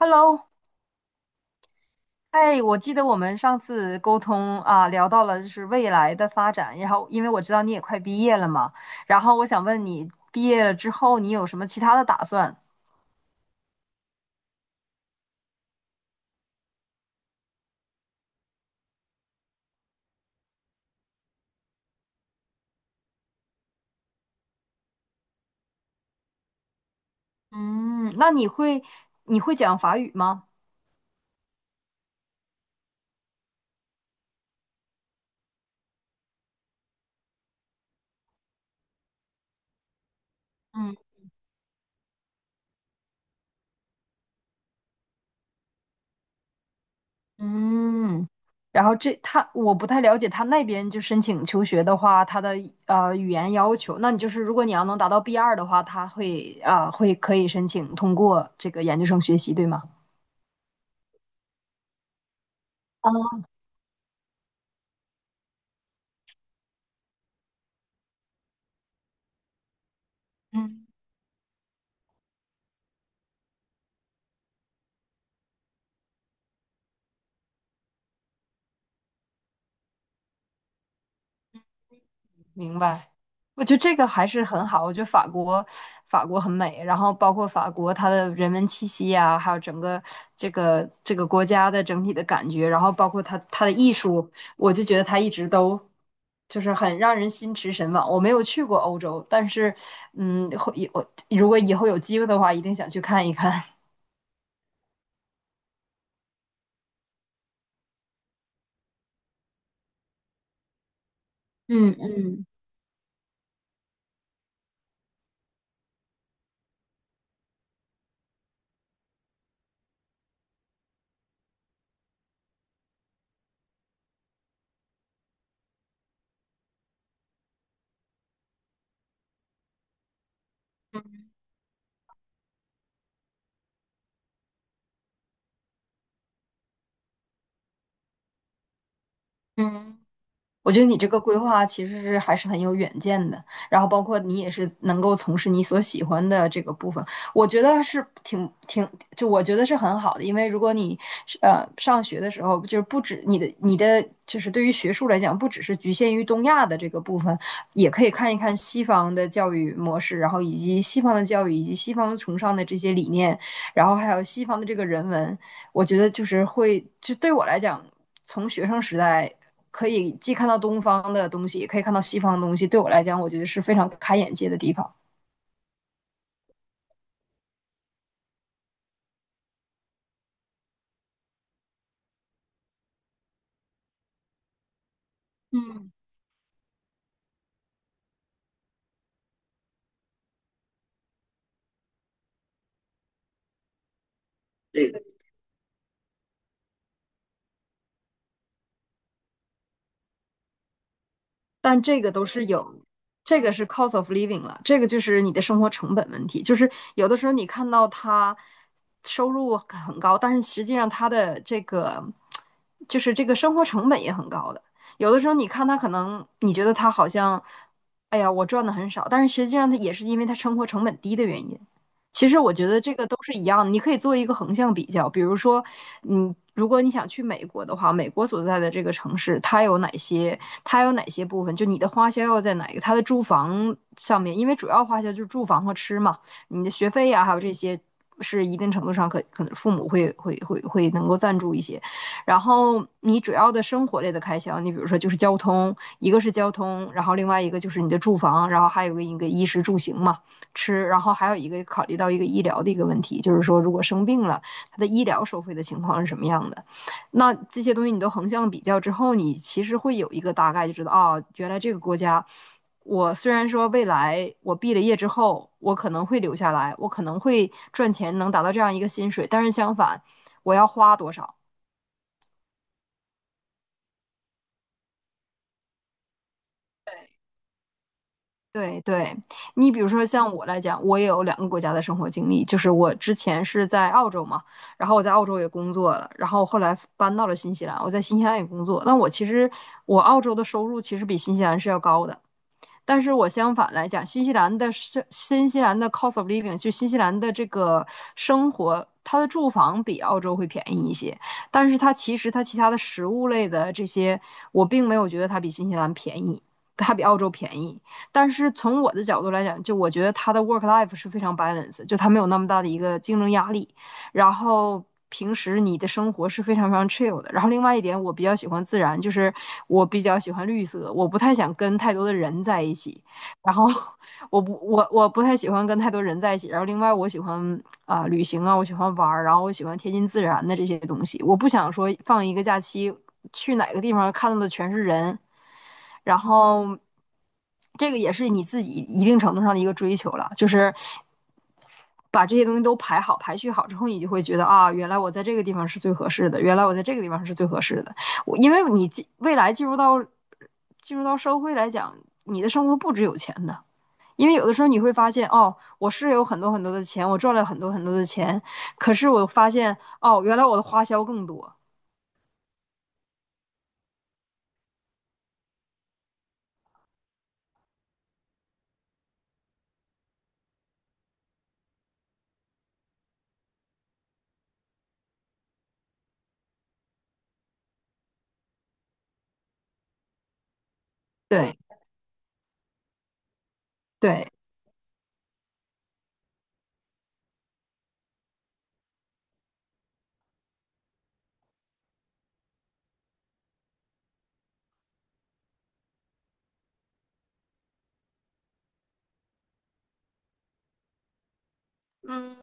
Hello，哎，我记得我们上次沟通啊，聊到了就是未来的发展，然后因为我知道你也快毕业了嘛，然后我想问你，毕业了之后你有什么其他的打算？嗯，那你会讲法语吗？嗯，嗯，然后他我不太了解他那边就申请求学的话，他的语言要求，那你就是如果你要能达到 B2的话，他会可以申请通过这个研究生学习，对吗？哦嗯。明白，我觉得这个还是很好。我觉得法国，很美，然后包括法国它的人文气息呀，还有整个这个国家的整体的感觉，然后包括它的艺术，我就觉得它一直都就是很让人心驰神往。我没有去过欧洲，但是嗯，我如果以后有机会的话，一定想去看一看。嗯嗯嗯。我觉得你这个规划其实是还是很有远见的，然后包括你也是能够从事你所喜欢的这个部分，我觉得是挺，就我觉得是很好的，因为如果你是上学的时候，就是不止你的就是对于学术来讲，不只是局限于东亚的这个部分，也可以看一看西方的教育模式，然后以及西方的教育以及西方崇尚的这些理念，然后还有西方的这个人文，我觉得就是会，就对我来讲，从学生时代可以既看到东方的东西，也可以看到西方的东西，对我来讲，我觉得是非常开眼界的地方。这个但这个都是有，这个是 cost of living 了，这个就是你的生活成本问题。就是有的时候你看到他收入很高，但是实际上他的这个就是这个生活成本也很高的。有的时候你看他可能你觉得他好像，哎呀，我赚的很少，但是实际上他也是因为他生活成本低的原因。其实我觉得这个都是一样的，你可以做一个横向比较，比如说，如果你想去美国的话，美国所在的这个城市，它有哪些，它有哪些部分，就你的花销要在哪一个，它的住房上面，因为主要花销就是住房和吃嘛，你的学费呀、还有这些是一定程度上可能父母会能够赞助一些，然后你主要的生活类的开销，你比如说就是交通，一个是交通，然后另外一个就是你的住房，然后还有一个衣食住行嘛。吃，然后还有一个考虑到一个医疗的一个问题，就是说如果生病了，它的医疗收费的情况是什么样的？那这些东西你都横向比较之后，你其实会有一个大概，就知道啊、哦原来这个国家，我虽然说未来我毕了业之后，我可能会留下来，我可能会赚钱能达到这样一个薪水，但是相反，我要花多少？对。对对，你比如说像我来讲，我也有两个国家的生活经历，就是我之前是在澳洲嘛，然后我在澳洲也工作了，然后后来搬到了新西兰，我在新西兰也工作。那我其实我澳洲的收入其实比新西兰是要高的，但是我相反来讲，新西兰的 cost of living，就新西兰的这个生活，它的住房比澳洲会便宜一些，但是它其他的食物类的这些，我并没有觉得它比新西兰便宜。它比澳洲便宜，但是从我的角度来讲，就我觉得它的 work life 是非常 balance，就它没有那么大的一个竞争压力。然后平时你的生活是非常非常 chill 的。然后另外一点，我比较喜欢自然，就是我比较喜欢绿色，我不太想跟太多的人在一起。然后我不太喜欢跟太多人在一起。然后另外我喜欢旅行啊，我喜欢玩儿，然后我喜欢贴近自然的这些东西。我不想说放一个假期去哪个地方看到的全是人，然后。这个也是你自己一定程度上的一个追求了，就是把这些东西都排好、排序好之后，你就会觉得啊，原来我在这个地方是最合适的，原来我在这个地方是最合适的。我因为你未来进入到社会来讲，你的生活不只有钱的，因为有的时候你会发现，哦，我是有很多很多的钱，我赚了很多很多的钱，可是我发现，哦，原来我的花销更多。对对，嗯，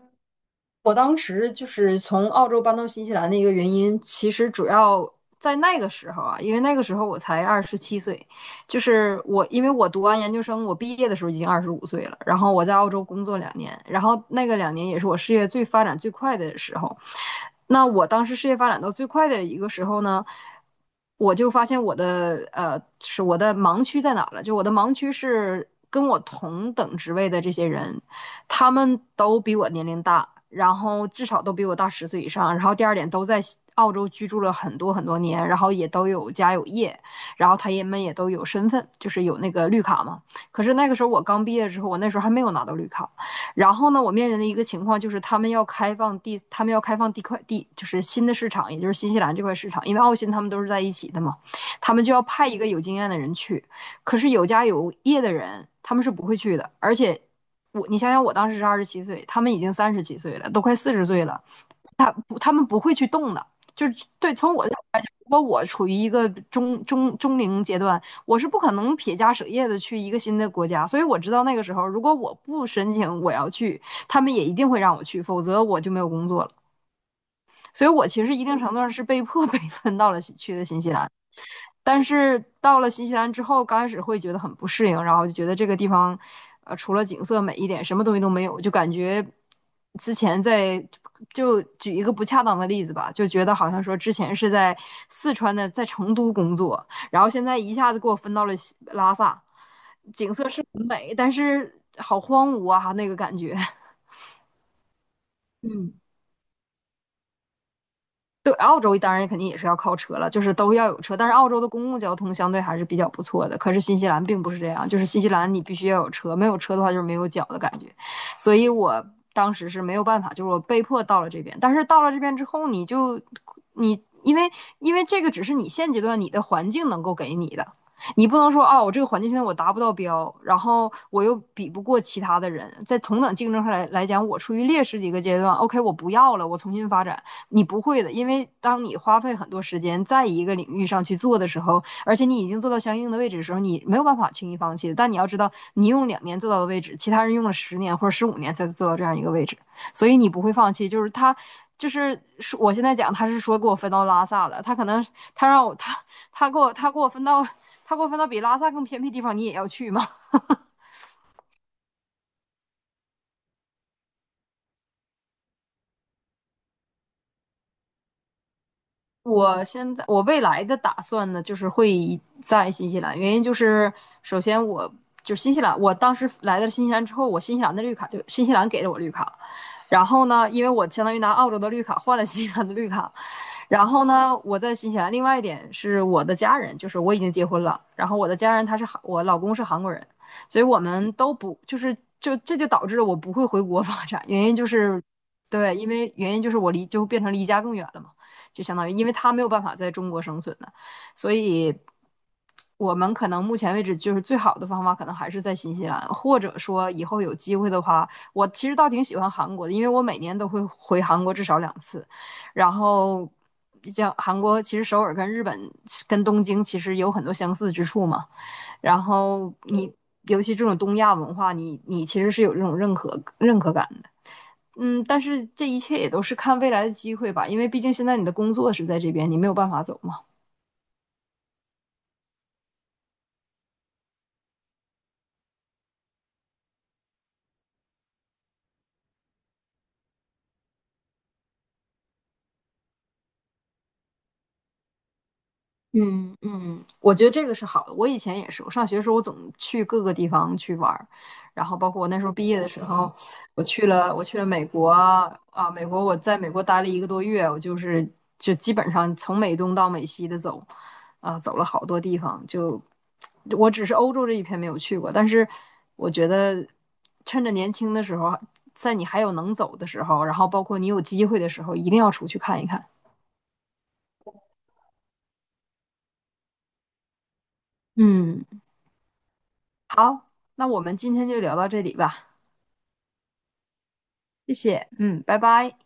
我当时就是从澳洲搬到新西兰的一个原因，其实主要在那个时候啊，因为那个时候我才二十七岁，就是我，因为我读完研究生，我毕业的时候已经25岁了，然后我在澳洲工作两年，然后那个两年也是我事业最发展最快的时候。那我当时事业发展到最快的一个时候呢，我就发现我的盲区在哪了？就我的盲区是跟我同等职位的这些人，他们都比我年龄大，然后至少都比我大十岁以上。然后第二点，都在澳洲居住了很多很多年，然后也都有家有业，然后他们也都有身份，就是有那个绿卡嘛。可是那个时候我刚毕业之后，我那时候还没有拿到绿卡。然后呢，我面临的一个情况就是他们要开放地块地，就是新的市场，也就是新西兰这块市场，因为澳新他们都是在一起的嘛，他们就要派一个有经验的人去。可是有家有业的人，他们是不会去的，而且你想想，我当时是二十七岁，他们已经37岁了，都快40岁了，不，他们不会去动的。就是对，从我的角度来讲，如果我处于一个中龄阶段，我是不可能撇家舍业的去一个新的国家。所以我知道那个时候，如果我不申请我要去，他们也一定会让我去，否则我就没有工作了。所以我其实一定程度上是被迫 被分到了去的新西兰。但是到了新西兰之后，刚开始会觉得很不适应，然后就觉得这个地方，除了景色美一点，什么东西都没有，就感觉之前在就举一个不恰当的例子吧，就觉得好像说之前是在四川的，在成都工作，然后现在一下子给我分到了西拉萨，景色是很美，但是好荒芜啊，那个感觉。对，澳洲当然肯定也是要靠车了，就是都要有车。但是澳洲的公共交通相对还是比较不错的，可是新西兰并不是这样，就是新西兰你必须要有车，没有车的话就是没有脚的感觉。所以我当时是没有办法，就是我被迫到了这边。但是到了这边之后，你因为这个只是你现阶段你的环境能够给你的，你不能说啊，我这个环境现在我达不到标，然后我又比不过其他的人，在同等竞争上来讲，我处于劣势的一个阶段。OK，我不要了，我重新发展。你不会的，因为当你花费很多时间在一个领域上去做的时候，而且你已经做到相应的位置的时候，你没有办法轻易放弃的，但你要知道，你用2年做到的位置，其他人用了10年或者15年才做到这样一个位置，所以你不会放弃。就是他，就是我现在讲，他是说给我分到拉萨了，他可能他让我他他给我他给我分到他给我分到比拉萨更偏僻地方，你也要去吗？我现在我未来的打算呢，就是会以在新西兰，原因就是首先我就新西兰，我当时来到新西兰之后，我新西兰的绿卡就新西兰给了我绿卡，然后呢，因为我相当于拿澳洲的绿卡换了新西兰的绿卡，然后呢，我在新西兰，另外一点是我的家人，就是我已经结婚了，然后我的家人他是韩，我老公是韩国人，所以我们都不就是就这就导致了我不会回国发展，原因就是对，因为原因就是我离就变成离家更远了嘛。就相当于因为它没有办法在中国生存的，所以我们可能目前为止就是最好的方法，可能还是在新西兰，或者说以后有机会的话，我其实倒挺喜欢韩国的，因为我每年都会回韩国至少2次，然后。像韩国，其实首尔跟日本、跟东京其实有很多相似之处嘛。然后你，尤其这种东亚文化，你其实是有这种认可感。嗯，但是这一切也都是看未来的机会吧，因为毕竟现在你的工作是在这边，你没有办法走嘛。嗯嗯，我觉得这个是好的。我以前也是，我上学的时候我总去各个地方去玩儿，然后包括我那时候毕业的时候，我去了美国啊，美国我在美国待了1个多月，我就是就基本上从美东到美西的走，啊，走了好多地方。就我只是欧洲这一片没有去过，但是我觉得趁着年轻的时候，在你还有能走的时候，然后包括你有机会的时候，一定要出去看一看。嗯。好，那我们今天就聊到这里吧，谢谢，嗯，拜拜。